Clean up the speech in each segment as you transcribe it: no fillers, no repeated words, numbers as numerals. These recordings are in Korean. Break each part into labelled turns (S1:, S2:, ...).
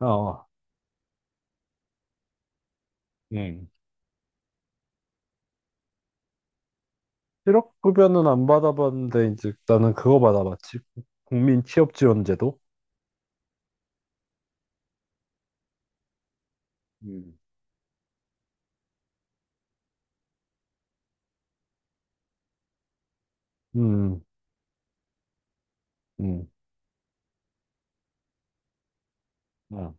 S1: 어, 응. 실업급여는 안 받아봤는데, 이제 나는 그거 받아봤지. 국민 취업지원제도? 음. 음, 음, 어,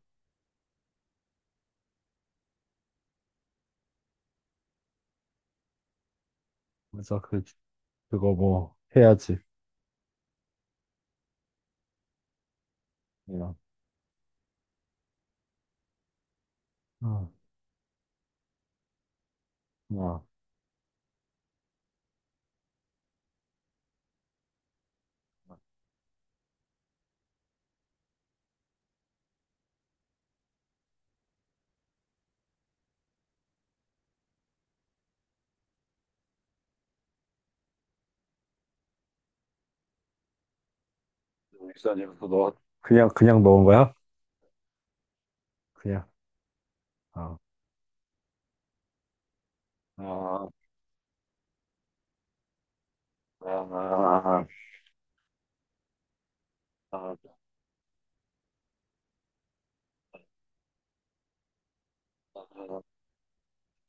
S1: 맞아. 그, 그거 뭐, 해야지. 어, 어, 어. 산에서 너, 그냥 넣은 거야? 그냥. 어. 아, 아, 아, 아, 아, 아.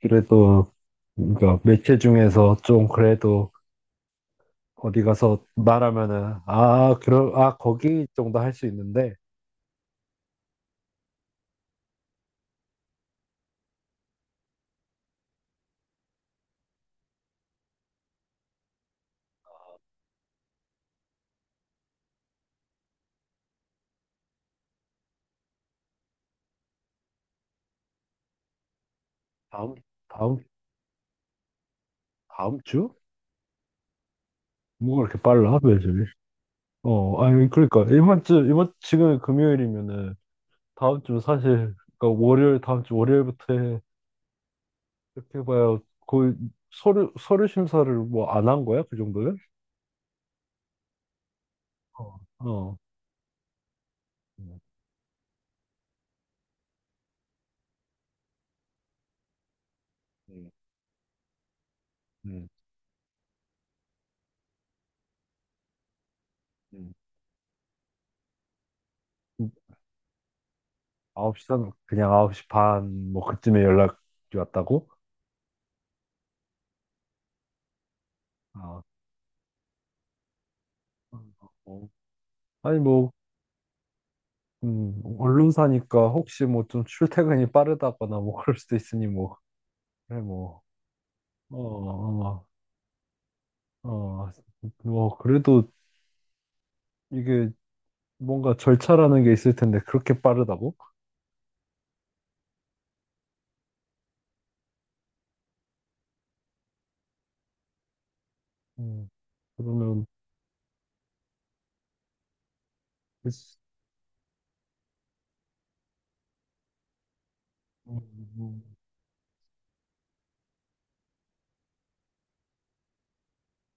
S1: 그래도, 그러니까 매체 중에서 좀 그래도 어디 가서 말하면은, 아, 그럼, 아, 거기 정도 할 수 있는데, 다음, 다음 다음 주? 뭐가 이렇게 빨라, 매주? 어, 아니, 그러니까, 이번 주, 이번, 지금 금요일이면은, 다음 주 사실, 그러니까 월요일, 다음 주 월요일부터 해. 이렇게 봐야 거의 서류 심사를 뭐 안 한 거야? 그 정도면? 어, 어. 음, 음, 음, 음. 아홉 시 반, 그냥 9시 반, 뭐, 그쯤에 연락이 왔다고? 아, 어. 아니, 뭐, 언론사니까 혹시 뭐 좀 출퇴근이 빠르다거나 뭐 그럴 수도 있으니 뭐, 그래, 뭐. 어, 어, 어, 뭐, 그래도 이게 뭔가 절차라는 게 있을 텐데, 그렇게 빠르다고? 음, 그러면, 그치. 음, 음,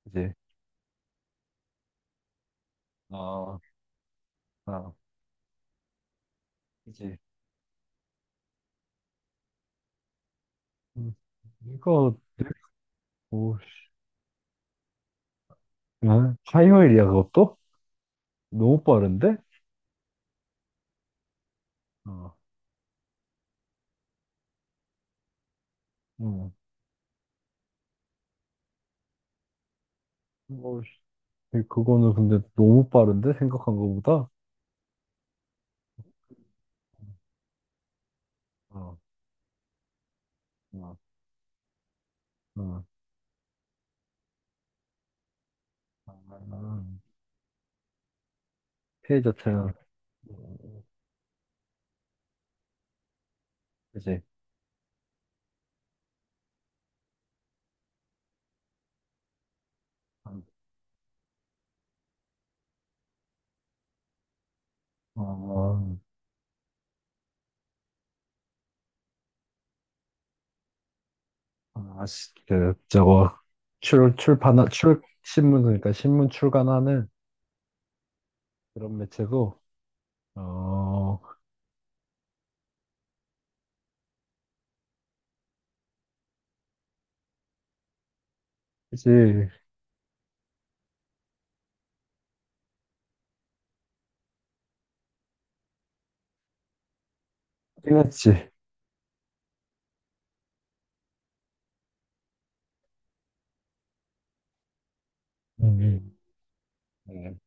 S1: 그치. 아, 아, 그치. 음, 이거, 오, 씨. 아, 화요일이야, 그것도? 너무 빠른데? 어, 음, 뭐, 씨. 그거는 근데 너무 빠른데? 생각한 거보다? 어, 어, 어. 아, 피해자 차량. 그치. 어, 아, 씨, 그, 저거, 출, 출판, 출, 신문, 그러니까 신문 출간하는 그런 매체고, 어, 그지, 끝냈지. 음, 음,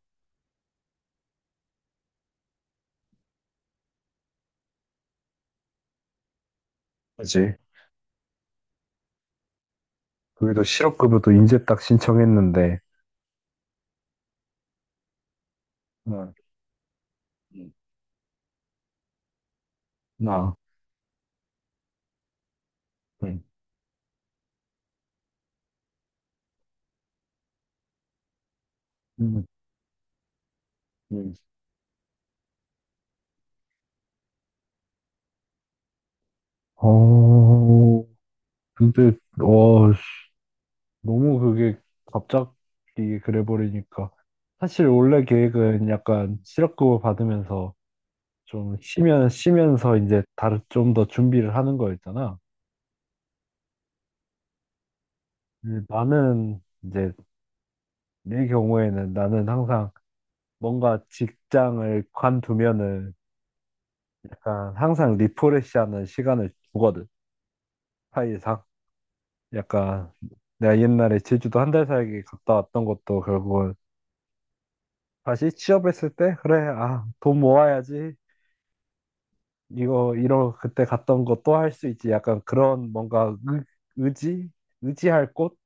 S1: 그지. 거기도 실업급여도 이제 딱 신청했는데, 응, 응, 나, 응, 응, 응. 어, 근데, 와, 씨, 너무 그게 갑자기 그래 버리니까. 사실 원래 계획은 약간 실업급여 받으면서 좀 쉬면 쉬면서 이제 다른 좀 더 준비를 하는 거 있잖아. 근데 나는 이제 내 경우에는 나는 항상 뭔가 직장을 관두면은 약간 항상 리프레시하는 시간을 주거든. 사이상 약간 내가 옛날에 제주도 한 달 살기 갔다 왔던 것도 결국은 다시 취업했을 때 그래 아 돈 모아야지 이거 이러 그때 갔던 거 또 할 수 있지 약간 그런 뭔가 의, 의지 의지할 곳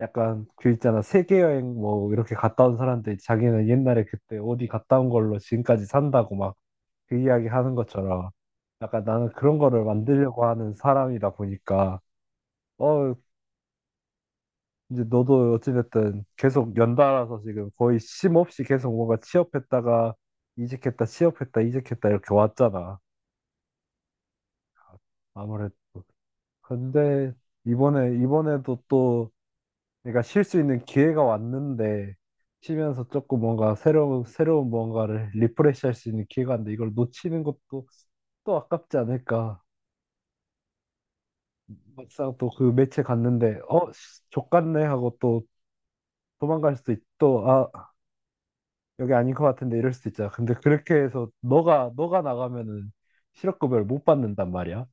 S1: 약간 그 있잖아 세계 여행 뭐 이렇게 갔다 온 사람들이 자기는 옛날에 그때 어디 갔다 온 걸로 지금까지 산다고 막 그 이야기 하는 것처럼 약간 나는 그런 거를 만들려고 하는 사람이다 보니까 어 이제 너도 어찌됐든 계속 연달아서 지금 거의 쉼 없이 계속 뭔가 취업했다가 이직했다 취업했다 이직했다 이렇게 왔잖아 아무래도 근데 이번에 이번에도 또 내가 쉴 수 있는 기회가 왔는데 쉬면서 조금 뭔가 새로운 뭔가를 리프레시 할 수 있는 기회가 왔는데 이걸 놓치는 것도 또 아깝지 않을까. 막상 또 그 매체 갔는데 어 족같네 하고 또 도망갈 수도 있고 아 여기 아닌 것 같은데 이럴 수도 있잖아. 근데 그렇게 해서 너가 나가면은 실업급여를 못 받는단 말이야.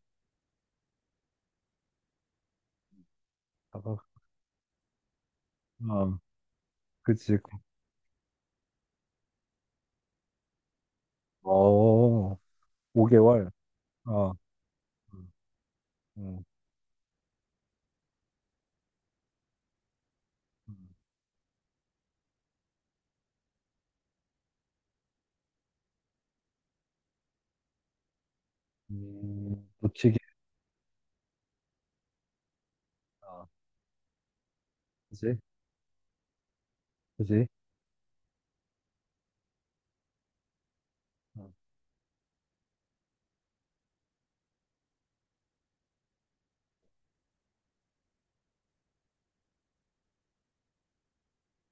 S1: 어, 어, 그치. 어, 5개월. 어, 음, 음, 음, 놓치기. 어, 그치? 그지? 어,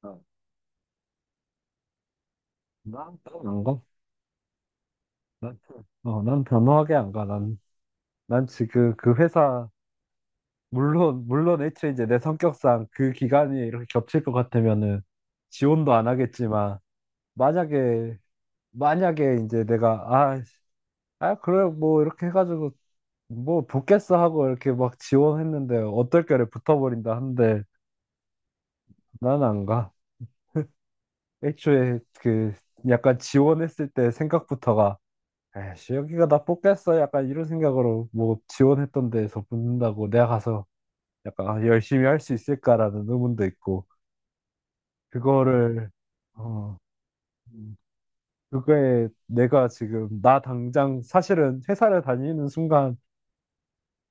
S1: 어. 난난안 가. 난, 어, 난 단호하게 안 가. 난, 난 지금 그 그 회사 물론 애초에 이제 내 성격상 그 기간이 이렇게 겹칠 것 같으면은 지원도 안 하겠지만 만약에 이제 내가 아, 씨, 아 그래 뭐 이렇게 해가지고 뭐 붙겠어 하고 이렇게 막 지원했는데 어떨결에 붙어버린다 한데 난 안 가. 애초에 그 약간 지원했을 때 생각부터가 에이씨, 여기가 나 뽑겠어. 약간 이런 생각으로 뭐 지원했던 데에서 붙는다고 내가 가서 약간 아, 열심히 할 수 있을까라는 의문도 있고, 그거를, 어, 음, 그거에 내가 지금 나 당장 사실은 회사를 다니는 순간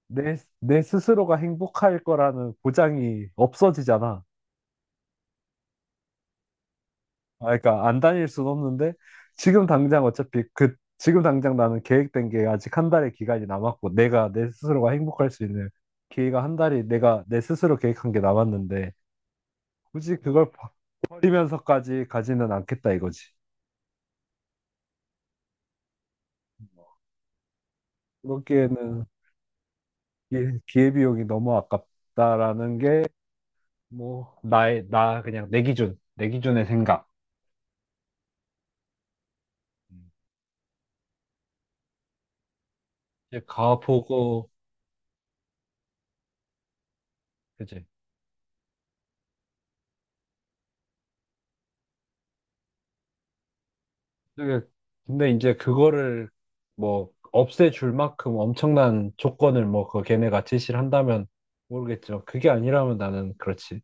S1: 내, 내 스스로가 행복할 거라는 보장이 없어지잖아. 아, 그러니까 안 다닐 순 없는데 지금 당장 어차피 그 지금 당장 나는 계획된 게 아직 한 달의 기간이 남았고 내가 내 스스로가 행복할 수 있는 기회가 한 달이 내가 내 스스로 계획한 게 남았는데 굳이 그걸 버- 버리면서까지 가지는 않겠다 이거지. 그렇기에는 기- 기회비용이 너무 아깝다라는 게 뭐 나의 나 그냥 내 기준 내 기준의 생각. 이제 가보고 그제 되게- 근데 이제 그거를 뭐 없애줄 만큼 엄청난 조건을 뭐 그 걔네가 제시를 한다면 모르겠지만 그게 아니라면 나는 그렇지.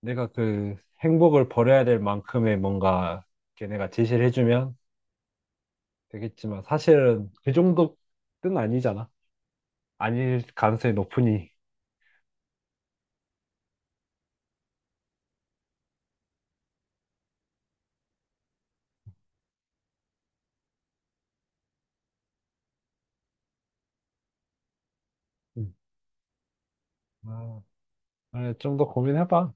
S1: 내가 그 행복을 버려야 될 만큼의 뭔가 걔네가 제시를 해주면 되겠지만 사실은 그 정도 뜻은 아니잖아. 아닐 가능성이 높으니. 음. 아, 좀더 고민해봐.